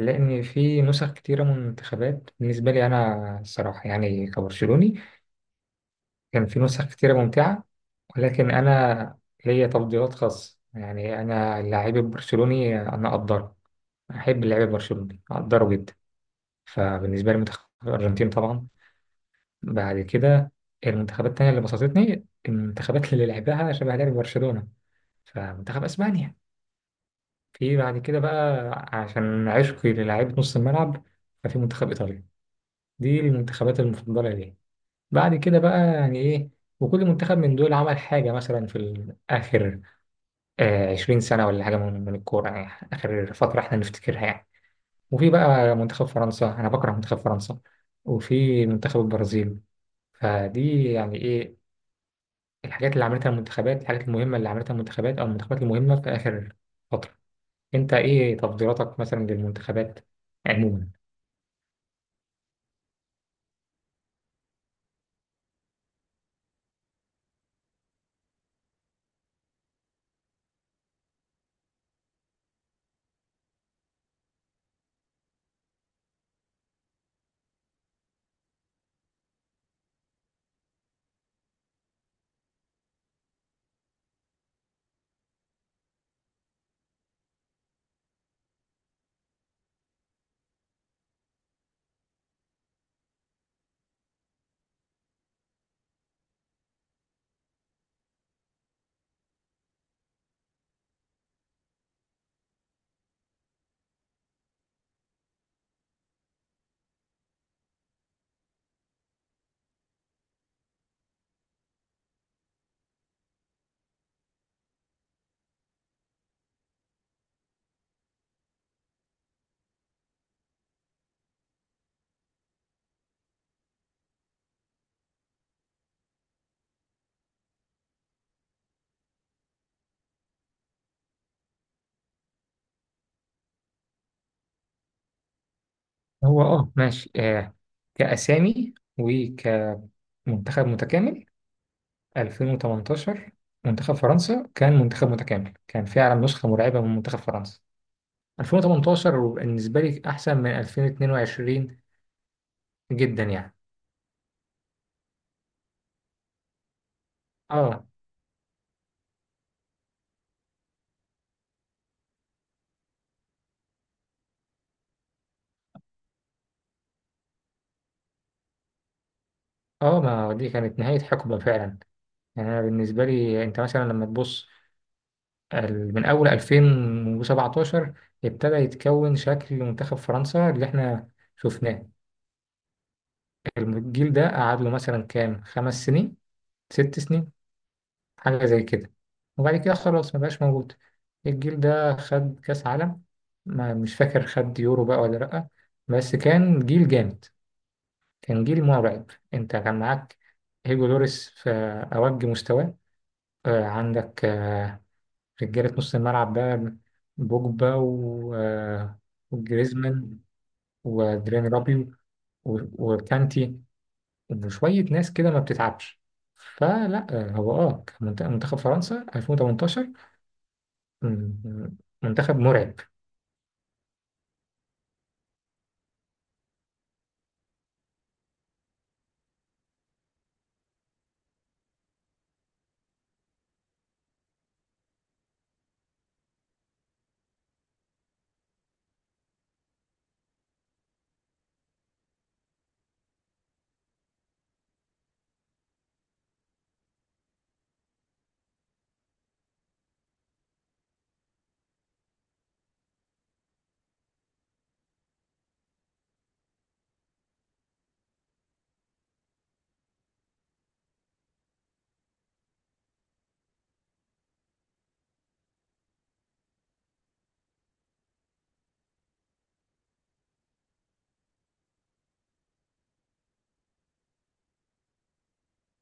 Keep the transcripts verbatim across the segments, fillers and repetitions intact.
لأن في نسخ كتيرة من المنتخبات، بالنسبة لي أنا الصراحة يعني كبرشلوني، كان في نسخ كتيرة ممتعة. ولكن أنا ليا تفضيلات خاصة. يعني أنا اللاعب البرشلوني أنا أقدره، أحب اللاعب البرشلوني أقدره جدا. فبالنسبة لي منتخب الأرجنتين طبعا، بعد كده المنتخبات التانية اللي بسطتني المنتخبات اللي لعبها شبه لعب برشلونة، فمنتخب أسبانيا. في بعد كده بقى عشان عشقي للاعيبة نص الملعب، ففي منتخب إيطاليا. دي المنتخبات المفضلة ليه. بعد كده بقى يعني إيه، وكل منتخب من دول عمل حاجة مثلا في ال- آخر آه عشرين سنة ولا حاجة من من الكورة، يعني آخر فترة إحنا نفتكرها يعني. وفي بقى منتخب فرنسا، أنا بكره منتخب فرنسا، وفي منتخب البرازيل. فدي يعني إيه، الحاجات اللي عملتها المنتخبات، الحاجات المهمة اللي عملتها المنتخبات، أو المنتخبات المهمة في آخر فترة. أنت إيه تفضيلاتك مثلا للمنتخبات عموما؟ هو اه ماشي. آه كأسامي وكمنتخب متكامل، ألفين وتمنتاشر منتخب فرنسا كان منتخب متكامل، كان فعلا نسخة مرعبة من منتخب فرنسا. ألفين وتمنتاشر بالنسبة لي أحسن من ألفين واتنين وعشرين جدا يعني. اه اه ما هو دي كانت نهاية حقبة فعلا. يعني أنا بالنسبة لي، أنت مثلا لما تبص ال- من أول ألفين وسبعة عشر ابتدى يتكون شكل منتخب فرنسا اللي احنا شفناه. الجيل ده قعد له مثلا كام، خمس سنين، ست سنين، حاجة زي كده، وبعد كده خلاص ما بقاش موجود. الجيل ده خد كأس عالم، ما مش فاكر خد يورو بقى ولا لأ، بس كان جيل جامد، كان جيل مرعب. انت كان معاك هيجو لوريس في أوج مستواه، آه، عندك آه، رجالة نص الملعب بقى، بوجبا و- آه، وجريزمان ودرين رابيو و- وكانتي. إنه شوية ناس كده ما بتتعبش. فلا، هو اه كان منت- منتخب فرنسا ألفين وتمنتاشر م- منتخب مرعب.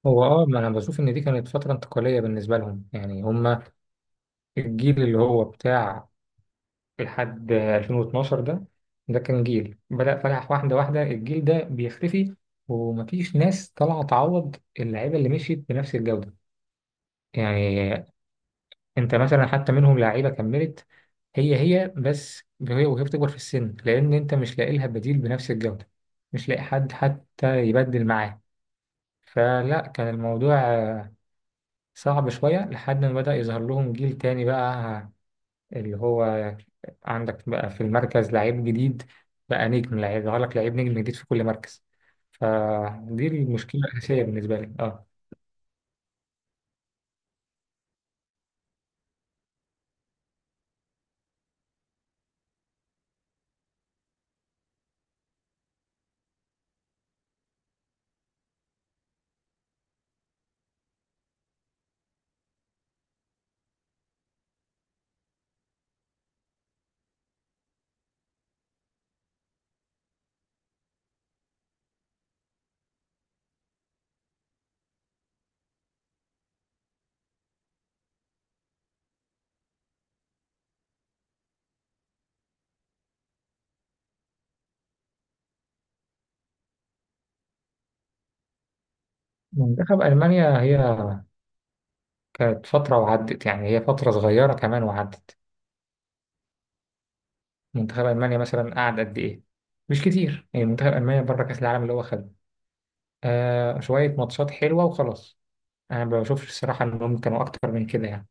هو اه ما انا بشوف ان دي كانت فترة انتقالية بالنسبة لهم. يعني هم الجيل اللي هو بتاع لحد ألفين واتناشر ده، ده كان جيل بدأ فلاح واحدة واحدة الجيل ده بيختفي، ومفيش ناس طالعة تعوض اللعيبة اللي مشيت بنفس الجودة يعني. انت مثلا حتى منهم لعيبه كملت، هي هي بس، هي وهي بتكبر في السن، لان انت مش لاقي لها بديل بنفس الجوده، مش لاقي حد حتى يبدل معاه. فلا، كان الموضوع آه، صعب شويه لحد ما بدا يظهر لهم جيل تاني بقى، اللي هو عندك بقى في المركز لعيب جديد، بقى نجم، لعيب يظهر لك لعيب نجم جديد في كل مركز. فدي المشكله الاساسيه بالنسبه لي اه منتخب المانيا، هي كانت فتره وعدت، يعني هي فتره صغيره كمان وعدت. منتخب ألمانيا مثلا قعد قد إيه؟ مش كتير. يعني منتخب ألمانيا بره كأس العالم اللي هو خده، آه شوية ماتشات حلوة وخلاص، أنا ما بشوفش الصراحة إنهم كانوا أكتر من كده يعني.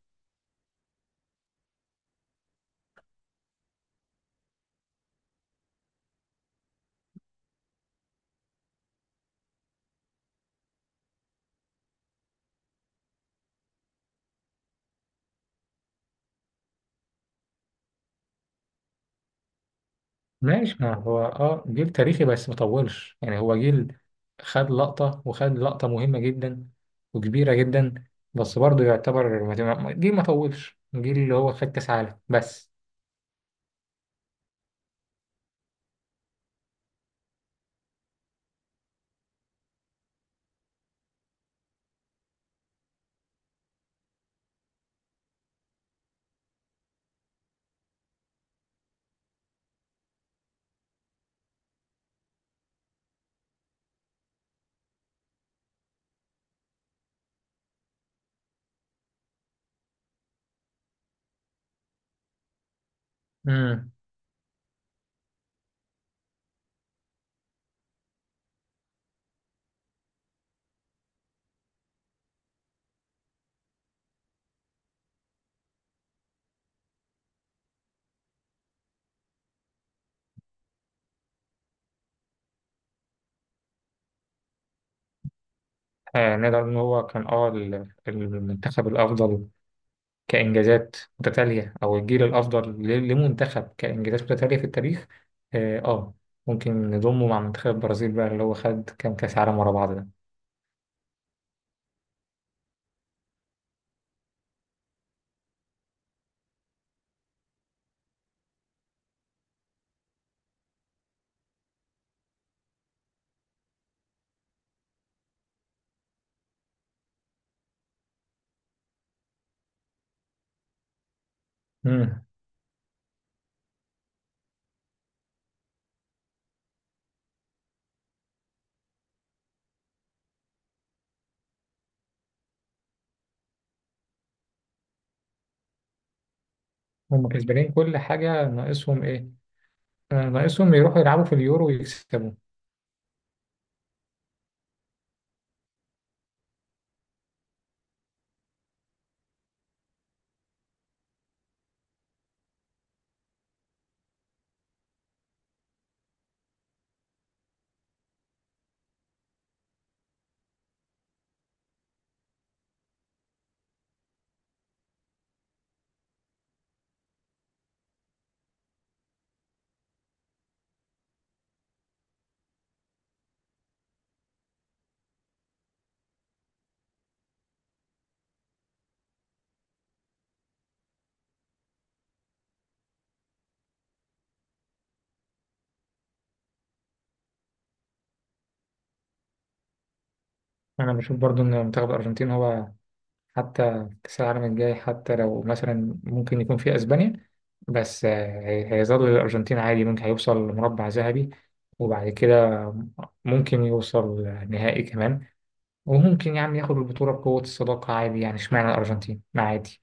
ماشي، ما هو أه جيل تاريخي، بس ما طولش. يعني هو جيل خد لقطة، وخد لقطة مهمة جدا وكبيرة جدا، بس برضه يعتبر ما- جيل ما طولش، جيل اللي هو خد كأس عالم بس. امم آه، نقدر إن هو كان أه ال- المنتخب الأفضل كإنجازات متتالية، أو الجيل الأفضل ل- لمنتخب كإنجازات متتالية في التاريخ. آه, آه ممكن نضمه مع منتخب البرازيل بقى اللي هو خد كام كأس عالم ورا بعض ده. مم. هم كسبانين كل حاجة، ناقصهم إيه؟ آه، ناقصهم يروحوا يلعبوا في اليورو ويكسبوا. أنا بشوف برضو إن منتخب الأرجنتين هو، حتى كأس العالم الجاي، حتى لو مثلا ممكن يكون في أسبانيا، بس آه، هي- هيظل الأرجنتين عادي، ممكن هيوصل لمربع ذهبي، وبعد كده ممكن يوصل نهائي كمان، وممكن يا عم ياخد البطولة بقوة الصداقة عادي. يعني اشمعنى الأرجنتين ما عادي.